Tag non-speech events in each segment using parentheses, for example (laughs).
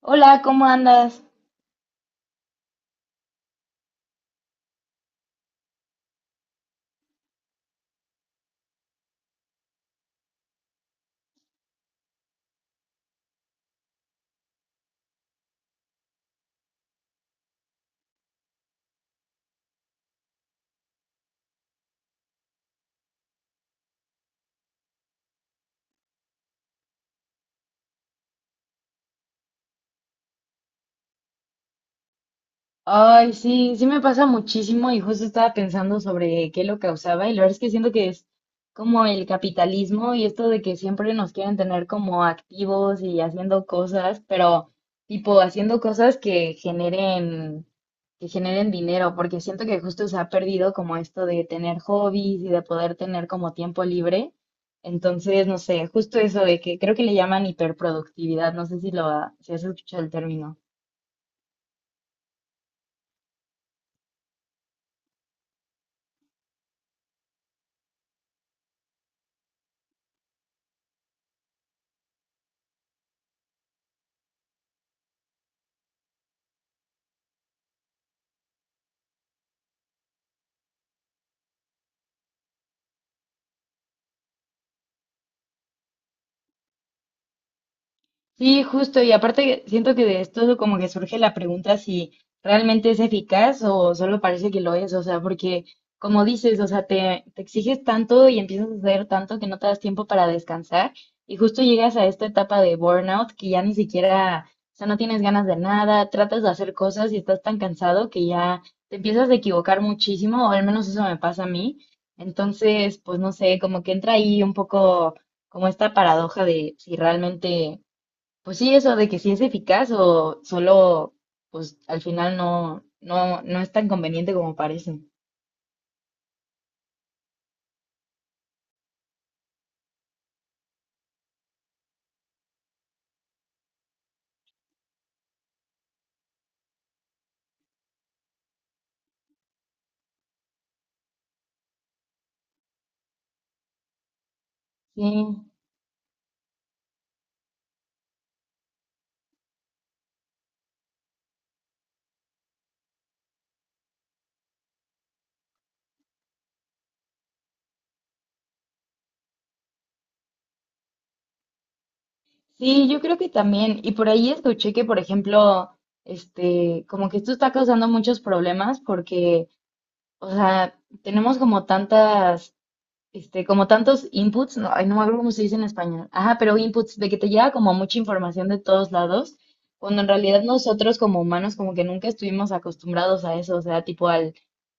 Hola, ¿cómo andas? Ay, sí, sí me pasa muchísimo y justo estaba pensando sobre qué lo causaba, y la verdad es que siento que es como el capitalismo y esto de que siempre nos quieren tener como activos y haciendo cosas, pero tipo haciendo cosas que generen dinero, porque siento que justo se ha perdido como esto de tener hobbies y de poder tener como tiempo libre. Entonces, no sé, justo eso de que creo que le llaman hiperproductividad, no sé si si has escuchado el término. Sí, justo, y aparte siento que de esto como que surge la pregunta si realmente es eficaz o solo parece que lo es. O sea, porque como dices, o sea, te exiges tanto y empiezas a hacer tanto que no te das tiempo para descansar y justo llegas a esta etapa de burnout que ya ni siquiera, o sea, no tienes ganas de nada, tratas de hacer cosas y estás tan cansado que ya te empiezas a equivocar muchísimo, o al menos eso me pasa a mí. Entonces, pues no sé, como que entra ahí un poco como esta paradoja de si realmente, pues sí, eso de que sí es eficaz o solo, pues al final no, no, no es tan conveniente como parece. Sí, sí, yo creo que también. Y por ahí escuché que, por ejemplo, este, como que esto está causando muchos problemas porque, o sea, tenemos como tantas, este, como tantos inputs, no, ay, no me acuerdo cómo se dice en español. Ajá, pero inputs, de que te llega como mucha información de todos lados, cuando en realidad nosotros como humanos como que nunca estuvimos acostumbrados a eso. O sea, tipo al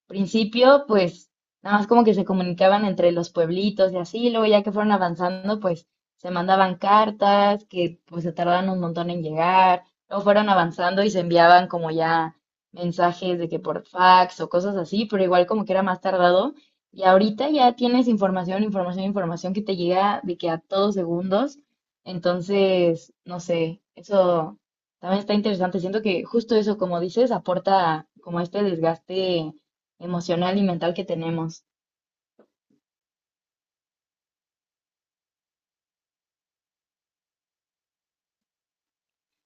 principio, pues nada más como que se comunicaban entre los pueblitos y así, luego ya que fueron avanzando, pues se mandaban cartas que pues se tardaban un montón en llegar, luego fueron avanzando y se enviaban como ya mensajes de que por fax o cosas así, pero igual como que era más tardado. Y ahorita ya tienes información, información, información que te llega de que a todos segundos. Entonces, no sé, eso también está interesante. Siento que justo eso, como dices, aporta como este desgaste emocional y mental que tenemos.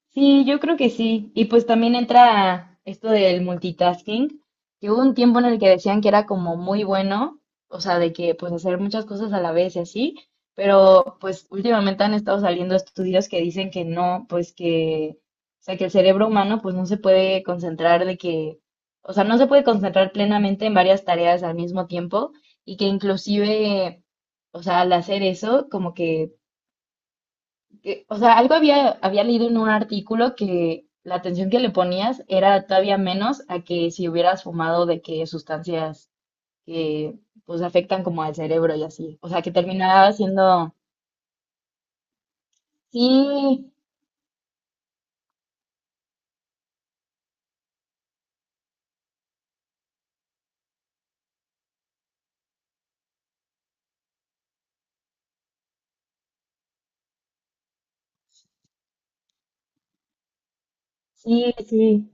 Sí, yo creo que sí. Y pues también entra esto del multitasking, que hubo un tiempo en el que decían que era como muy bueno, o sea, de que pues hacer muchas cosas a la vez y así, pero pues últimamente han estado saliendo estudios que dicen que no, pues que, o sea, que el cerebro humano pues no se puede concentrar de que, o sea, no se puede concentrar plenamente en varias tareas al mismo tiempo y que inclusive, o sea, al hacer eso, como que o sea, algo había, había leído en un artículo que la atención que le ponías era todavía menos a que si hubieras fumado de que sustancias que pues afectan como al cerebro y así. O sea, que terminaba siendo, sí, sí, sí,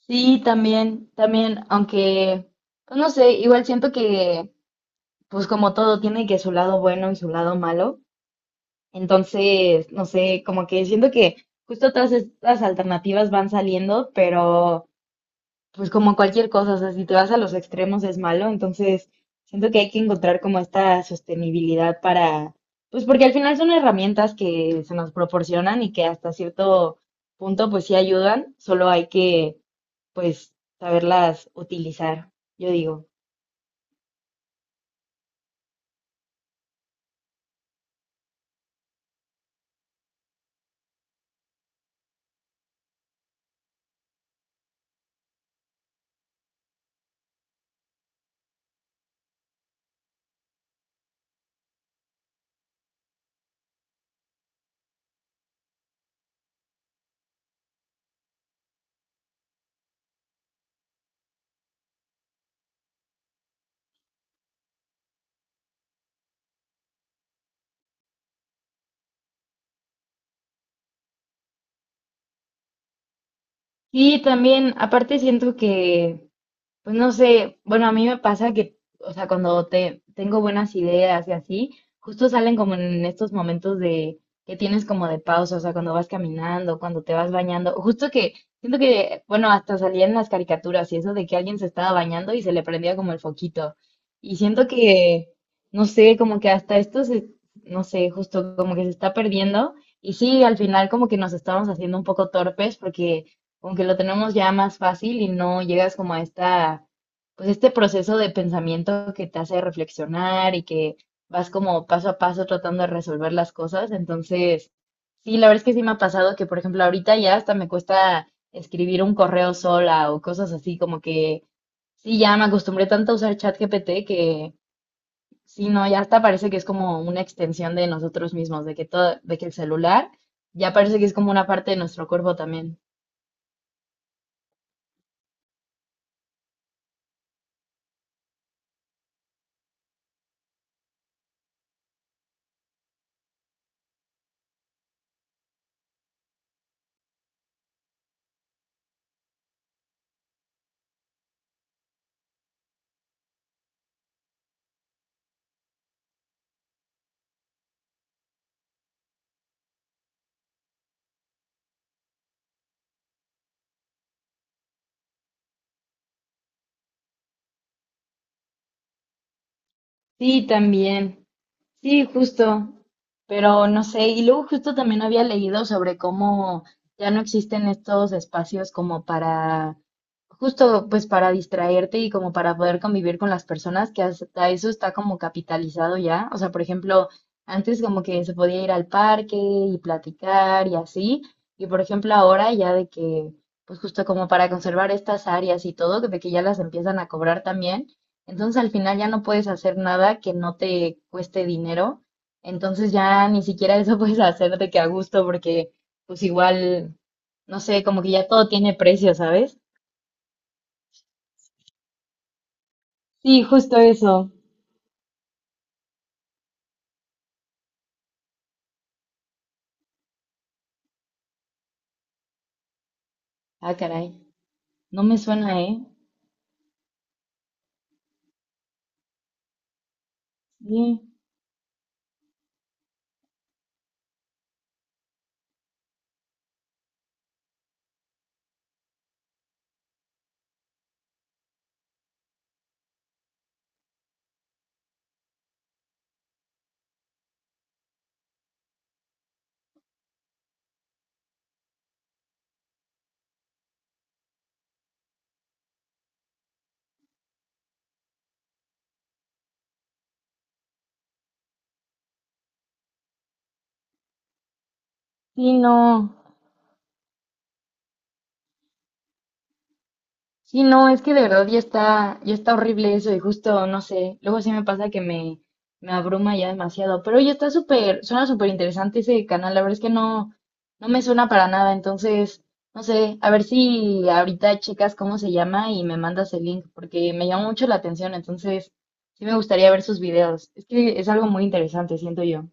sí, también, también, aunque, pues no sé, igual siento que pues como todo tiene que su lado bueno y su lado malo. Entonces, no sé, como que siento que justo todas estas alternativas van saliendo, pero… pues como cualquier cosa, o sea, si te vas a los extremos es malo, entonces siento que hay que encontrar como esta sostenibilidad para, pues porque al final son herramientas que se nos proporcionan y que hasta cierto punto pues sí ayudan, solo hay que, pues, saberlas utilizar, yo digo. Y también, aparte siento que, pues no sé, bueno, a mí me pasa que, o sea, cuando te tengo buenas ideas y así, justo salen como en estos momentos de que tienes como de pausa, o sea, cuando vas caminando, cuando te vas bañando, justo que siento que, bueno, hasta salía en las caricaturas y eso de que alguien se estaba bañando y se le prendía como el foquito. Y siento que, no sé, como que hasta esto se, no sé, justo como que se está perdiendo. Y sí, al final como que nos estamos haciendo un poco torpes porque aunque lo tenemos ya más fácil y no llegas como a esta, pues, este proceso de pensamiento que te hace reflexionar y que vas como paso a paso tratando de resolver las cosas. Entonces, sí, la verdad es que sí me ha pasado que, por ejemplo, ahorita ya hasta me cuesta escribir un correo sola o cosas así, como que sí, ya me acostumbré tanto a usar ChatGPT que sí, no, ya hasta parece que es como una extensión de nosotros mismos, de que todo, de que el celular ya parece que es como una parte de nuestro cuerpo también. Sí, también. Sí, justo, pero no sé, y luego justo también había leído sobre cómo ya no existen estos espacios como para, justo pues para distraerte y como para poder convivir con las personas, que hasta eso está como capitalizado ya, o sea, por ejemplo, antes como que se podía ir al parque y platicar y así, y por ejemplo ahora ya de que, pues justo como para conservar estas áreas y todo, de que ya las empiezan a cobrar también. Entonces al final ya no puedes hacer nada que no te cueste dinero. Entonces ya ni siquiera eso (laughs) puedes hacer de que a gusto porque pues igual, no sé, como que ya todo tiene precio, ¿sabes? Sí, justo eso. Ah, caray. No me suena, ¿eh? Sí. Sí, sí, no. Sí, no, es que de verdad ya está horrible eso y justo, no sé, luego sí me pasa que me abruma ya demasiado, pero ya está súper, suena súper interesante ese canal, la verdad es que no, no me suena para nada, entonces, no sé, a ver si ahorita checas cómo se llama y me mandas el link, porque me llama mucho la atención, entonces sí me gustaría ver sus videos, es que es algo muy interesante, siento yo.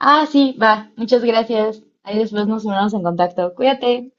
Ah, sí, va, muchas gracias, ahí después nos ponemos en contacto, cuídate.